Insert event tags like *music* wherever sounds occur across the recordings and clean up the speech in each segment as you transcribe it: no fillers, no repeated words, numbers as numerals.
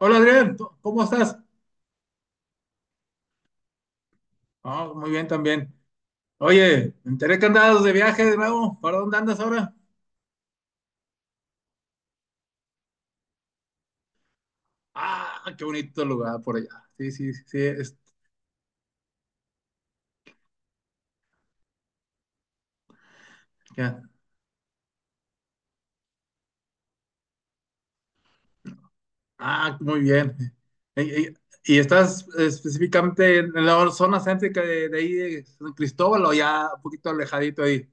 Hola Adrián, ¿cómo estás? Ah, muy bien también. Oye, me enteré que andabas de viaje de nuevo. ¿Para dónde andas ahora? Ah, qué bonito lugar por allá. Sí, sí, sí. Ya. Ah, muy bien. Y, y- y estás específicamente en la zona céntrica de ahí, de San Cristóbal, o ya un poquito alejadito ahí.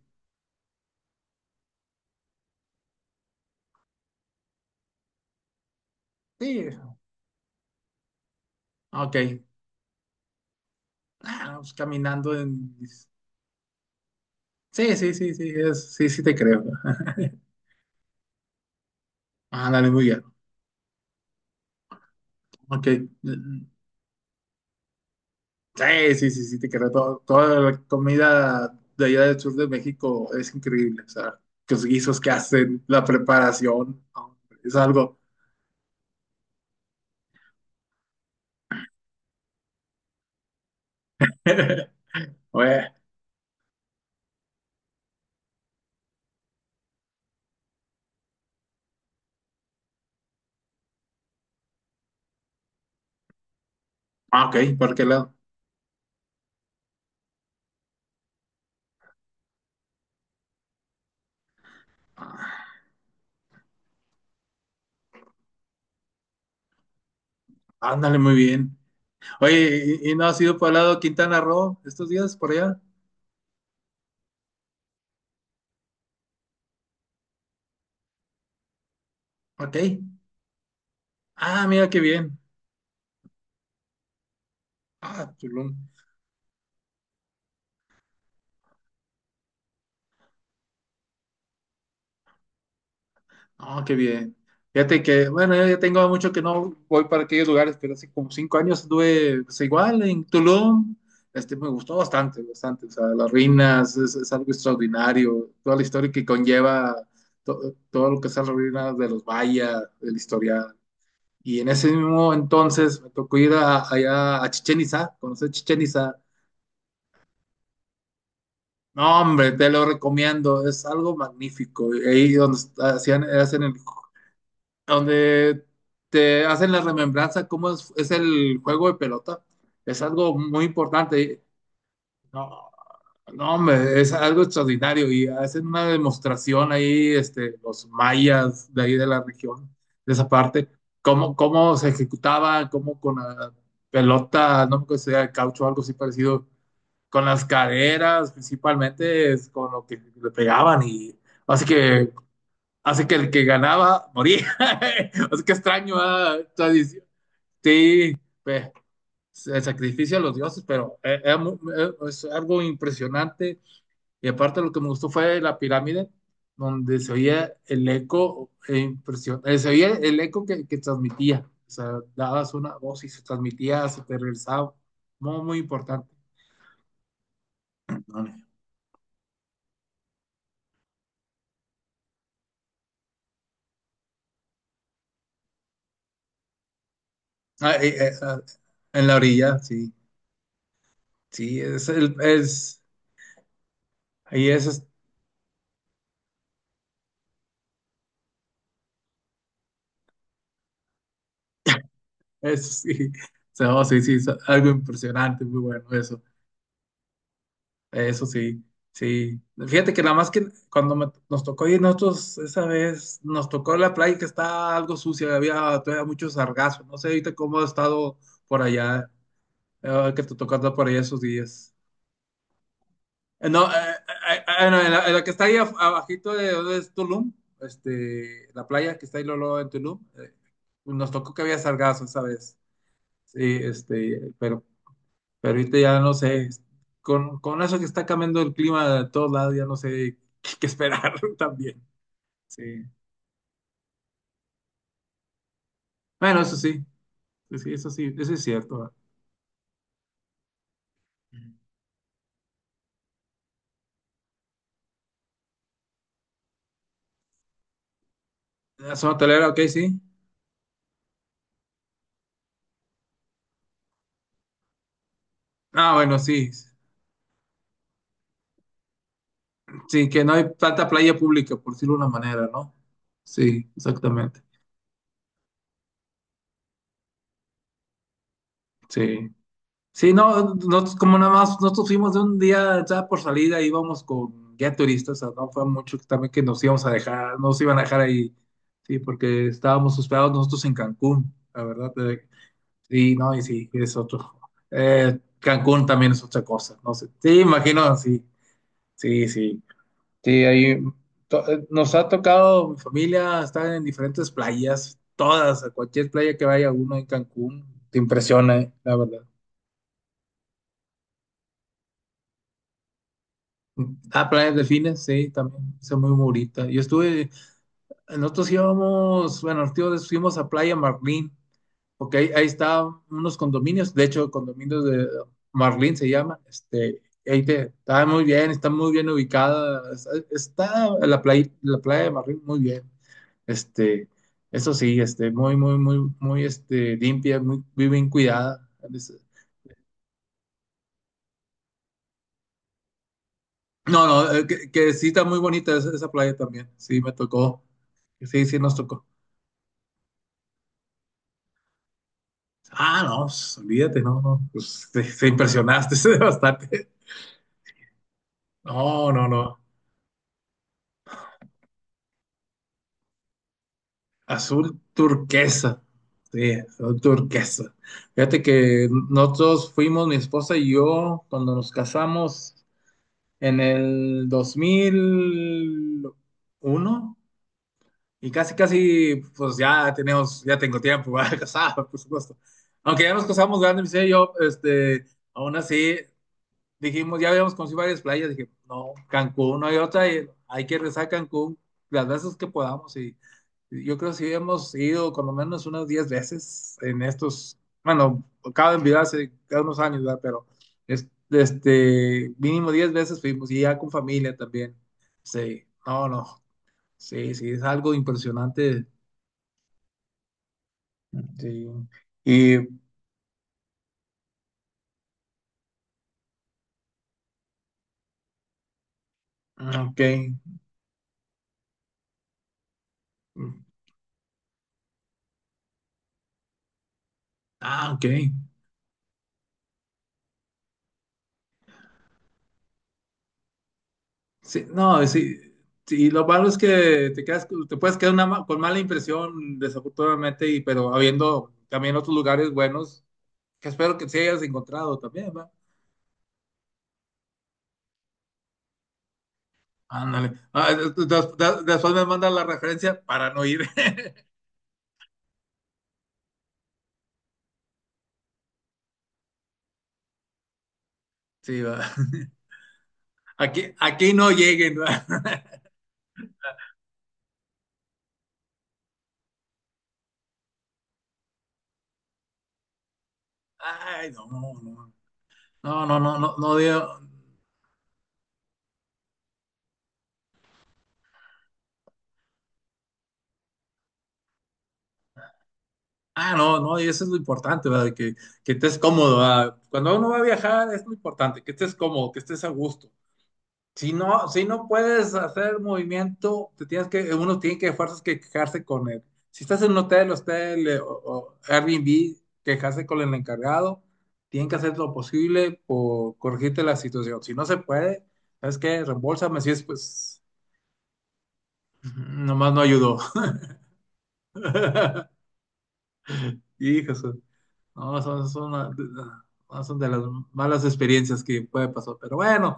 Sí, ok. Ah, pues caminando en. Sí, sí, sí, sí, sí, sí te creo. Ah, dale, muy bien. Ok. Sí, sí, sí, sí, te creo. Toda la comida de allá del sur de México es increíble. O sea, los guisos que hacen, la preparación, no, hombre, es algo. *laughs* Oye, ah, ok, ¿por qué lado? Ah, ándale, muy bien. Oye, ¿y no has ido para el lado de Quintana Roo estos días por allá? Ok. Ah, mira qué bien. Ah, Tulum. Ah, qué bien. Fíjate que, bueno, yo ya tengo mucho que no voy para aquellos lugares, pero hace como 5 años estuve pues, igual en Tulum. Este, me gustó bastante, bastante. O sea, las ruinas es algo extraordinario. Toda la historia que conlleva todo lo que son las ruinas de los mayas, del historial. Y en ese mismo entonces me tocó ir allá a Chichén Itzá, conocer Chichén Itzá. No, hombre, te lo recomiendo. Es algo magnífico. Ahí donde hacían, hacen el donde te hacen la remembranza cómo es el juego de pelota. Es algo muy importante. No, no, hombre, es algo extraordinario y hacen una demostración ahí, este, los mayas de ahí de la región, de esa parte, cómo se ejecutaba, cómo con la pelota, no me acuerdo si era de caucho o algo así parecido, con las caderas principalmente, es con lo que le pegaban y así que Así que el que ganaba moría. *laughs* Así que extraño esta. Sí, pues, el sacrificio a los dioses, pero era es algo impresionante. Y aparte lo que me gustó fue la pirámide, donde se oía el eco, e se oía el eco que transmitía. O sea, dabas una voz y se transmitía, se te regresaba. Muy, muy importante. Ah, en la orilla, sí. Sí, es, el, es, ahí es. Eso sí, o sea, oh, sí, sí, es algo impresionante, muy bueno eso sí, sí. Fíjate que nada más que cuando nos tocó ir nosotros esa vez, nos tocó la playa que está algo sucia, había todavía mucho sargazo, no sé ahorita cómo ha estado por allá, que te tocó andar por allá esos días. No, no, en la que está ahí abajito de donde es Tulum, este, la playa que está ahí luego luego en Tulum, nos tocó que había sargazo esa vez. Sí, este, pero. Pero ahorita ya no sé, con eso que está cambiando el clima de todos lados, ya no sé *laughs* qué esperar *laughs* también. Sí. Bueno, eso sí, sí, eso es cierto. Mm. La zona hotelera, ok, sí. Ah, bueno, sí. Sí, que no hay tanta playa pública, por decirlo de una manera, ¿no? Sí, exactamente. Sí. Sí, no, nosotros como nada más, nosotros fuimos de un día ya por salida, íbamos con guía turista, o sea, no fue mucho que también que nos íbamos a dejar, nos iban a dejar ahí, sí, porque estábamos hospedados nosotros en Cancún, la verdad, sí, no, y sí, es otro. Cancún también es otra cosa, no sé, sí, imagino, sí, sí, sí, sí, ahí nos ha tocado, mi familia está en diferentes playas, todas, a cualquier playa que vaya uno en Cancún, te impresiona, la verdad. Ah, playas delfines, sí, también, son muy bonita. Yo estuve, nosotros íbamos, bueno, los tíos fuimos a Playa Marlín, porque ahí estaban unos condominios, de hecho, condominios de Marlín se llama, este, ahí te, está muy bien ubicada, está la playa de Marlín muy bien, este, eso sí, este, muy, muy, muy, muy, este, limpia, muy, muy bien cuidada. No, no, que sí está muy bonita esa playa también, sí, me tocó, sí, sí nos tocó. Ah, no, pues, olvídate, no, no, pues te impresionaste, *laughs* se devastaste. No, no, no. Azul turquesa. Sí, azul turquesa. Fíjate que nosotros fuimos, mi esposa y yo, cuando nos casamos en el 2001 y casi, casi, pues ya tenemos, ya tengo tiempo para *laughs* casar, por supuesto. Aunque ya nos casamos grandes, mi señor y yo, este, aún así, dijimos, ya habíamos conocido varias playas, dije, no, Cancún, no hay otra, y hay que rezar Cancún las veces que podamos. Y yo creo que sí hemos ido con lo menos unas 10 veces en estos, bueno, cada envidia hace cada unos años, ¿verdad? Pero este, mínimo 10 veces fuimos y ya con familia también. Sí, no, no, sí, sí, es algo impresionante. Sí. Y, ok. Ah, ok. Sí, no, sí, sí, lo malo es que te quedas, te puedes quedar una con mala impresión, desafortunadamente, y, pero habiendo también otros lugares buenos, que espero que sí hayas encontrado también, ¿va? Ándale. Ah, después me mandas la referencia para no ir. *laughs* Sí, va. Aquí no lleguen, ¿va? *laughs* Ay, no, no. No, no, no, no, no. Ah, no, no, y eso es lo importante, ¿verdad? Que estés cómodo, ¿verdad? Cuando uno va a viajar es lo importante, que estés cómodo, que estés a gusto. Si no, si no puedes hacer movimiento, te tienes que, uno tiene que fuerzas que quejarse con él. Si estás en un hotel, hostel o Airbnb, quejarse con el encargado, tienen que hacer lo posible por corregirte la situación. Si no se puede, ¿sabes qué? Reembolsame si es pues nomás no ayudó. *laughs* Híjole. No, una. No, son de las malas experiencias que puede pasar. Pero bueno,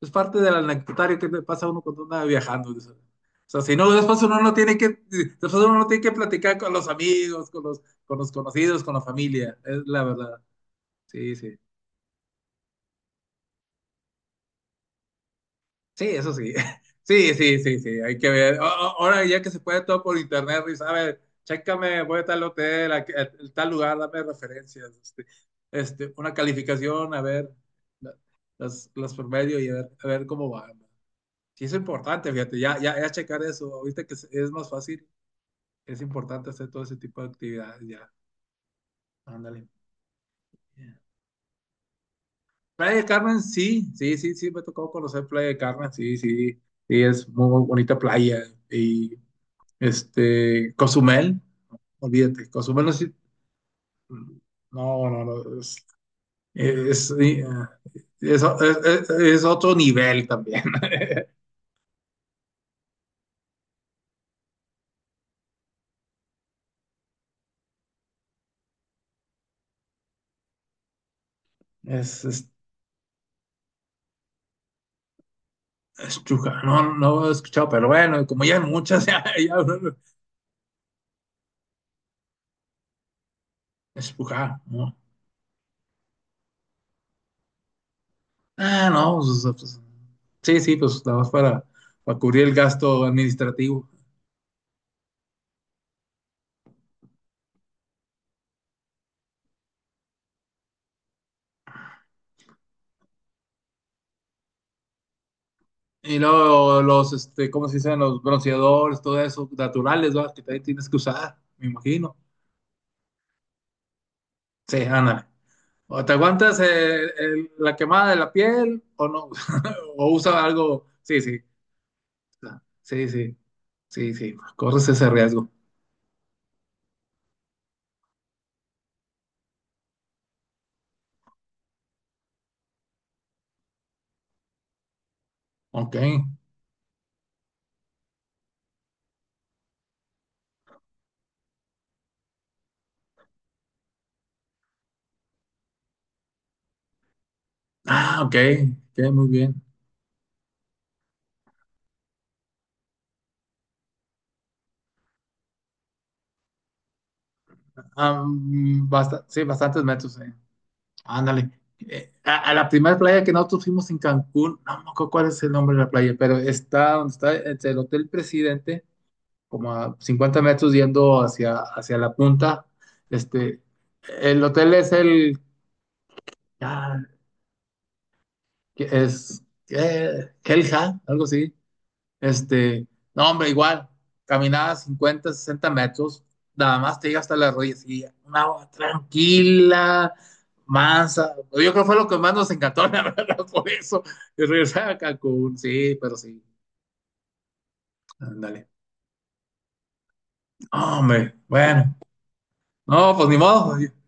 es parte del anecdotario que le pasa a uno cuando anda viajando. O sea, si no, después uno no tiene que, después uno no tiene que platicar con los amigos, con los conocidos, con la familia. Es la verdad. Sí, sí. Sí, eso sí. *laughs* Sí, sí, sí, sí, hay que ver. Ahora ya que se puede todo por internet, Ruiz, a ver, chécame, voy a tal hotel, a tal lugar, dame referencias, este, una calificación, a ver, la- las promedio y a ver cómo va. ¿No? Sí, es importante, fíjate, ya checar eso, ahorita que es más fácil, es importante hacer todo ese tipo de actividades, ya, ándale. Playa del Carmen, sí, sí, sí, sí, me tocó conocer Playa del Carmen, sí, sí, sí, es muy, muy bonita playa y. Este, Cozumel, olvídate, Cozumel no es, no, no, no, es, eh, es- es- es otro nivel también. *laughs* Es, es, es Chuja, no, no he escuchado, pero bueno, como ya hay muchas, *laughs* ya. Es Chuja, ¿no? Ah, no, pues, sí, sí, pues nada más para, cubrir el gasto administrativo. Y luego los, este, ¿cómo se dicen? Los bronceadores, todo eso, naturales, ¿verdad? Que también tienes que usar, me imagino. Sí, ándale. O te aguantas la quemada de la piel o no, *laughs* o usa algo. Sí, sí, sí, sí, sí, sí, corres ese riesgo. Ok. Ah, ok, ok, muy bien. Sí, bastantes metros. Ándale. A la primera playa que nosotros fuimos en Cancún, no me acuerdo cuál es el nombre de la playa, pero está donde está entre el Hotel Presidente, como a 50 metros yendo hacia la punta. Este, el hotel es el. Ah, que es que Helja, algo así. Este, no, hombre, igual, caminaba 50 60 metros, nada más te llega hasta las rodillas y una agua tranquila, mansa. Yo creo que fue lo que más nos encantó, la verdad, *laughs* por eso. Y regresar a Cancún, sí, pero sí. Ándale. No, hombre, bueno, no, pues ni modo. *laughs*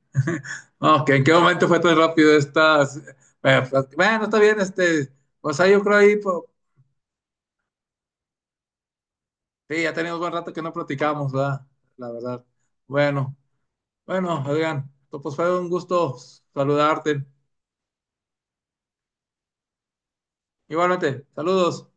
No, que en qué momento fue tan rápido esta. Bueno, pues, bueno, está bien, este. Pues ahí yo creo ahí, pues. Sí, ya teníamos buen rato que no platicamos, ¿verdad? La verdad. Bueno, bueno, Adrián, pues fue un gusto saludarte. Igualmente, saludos.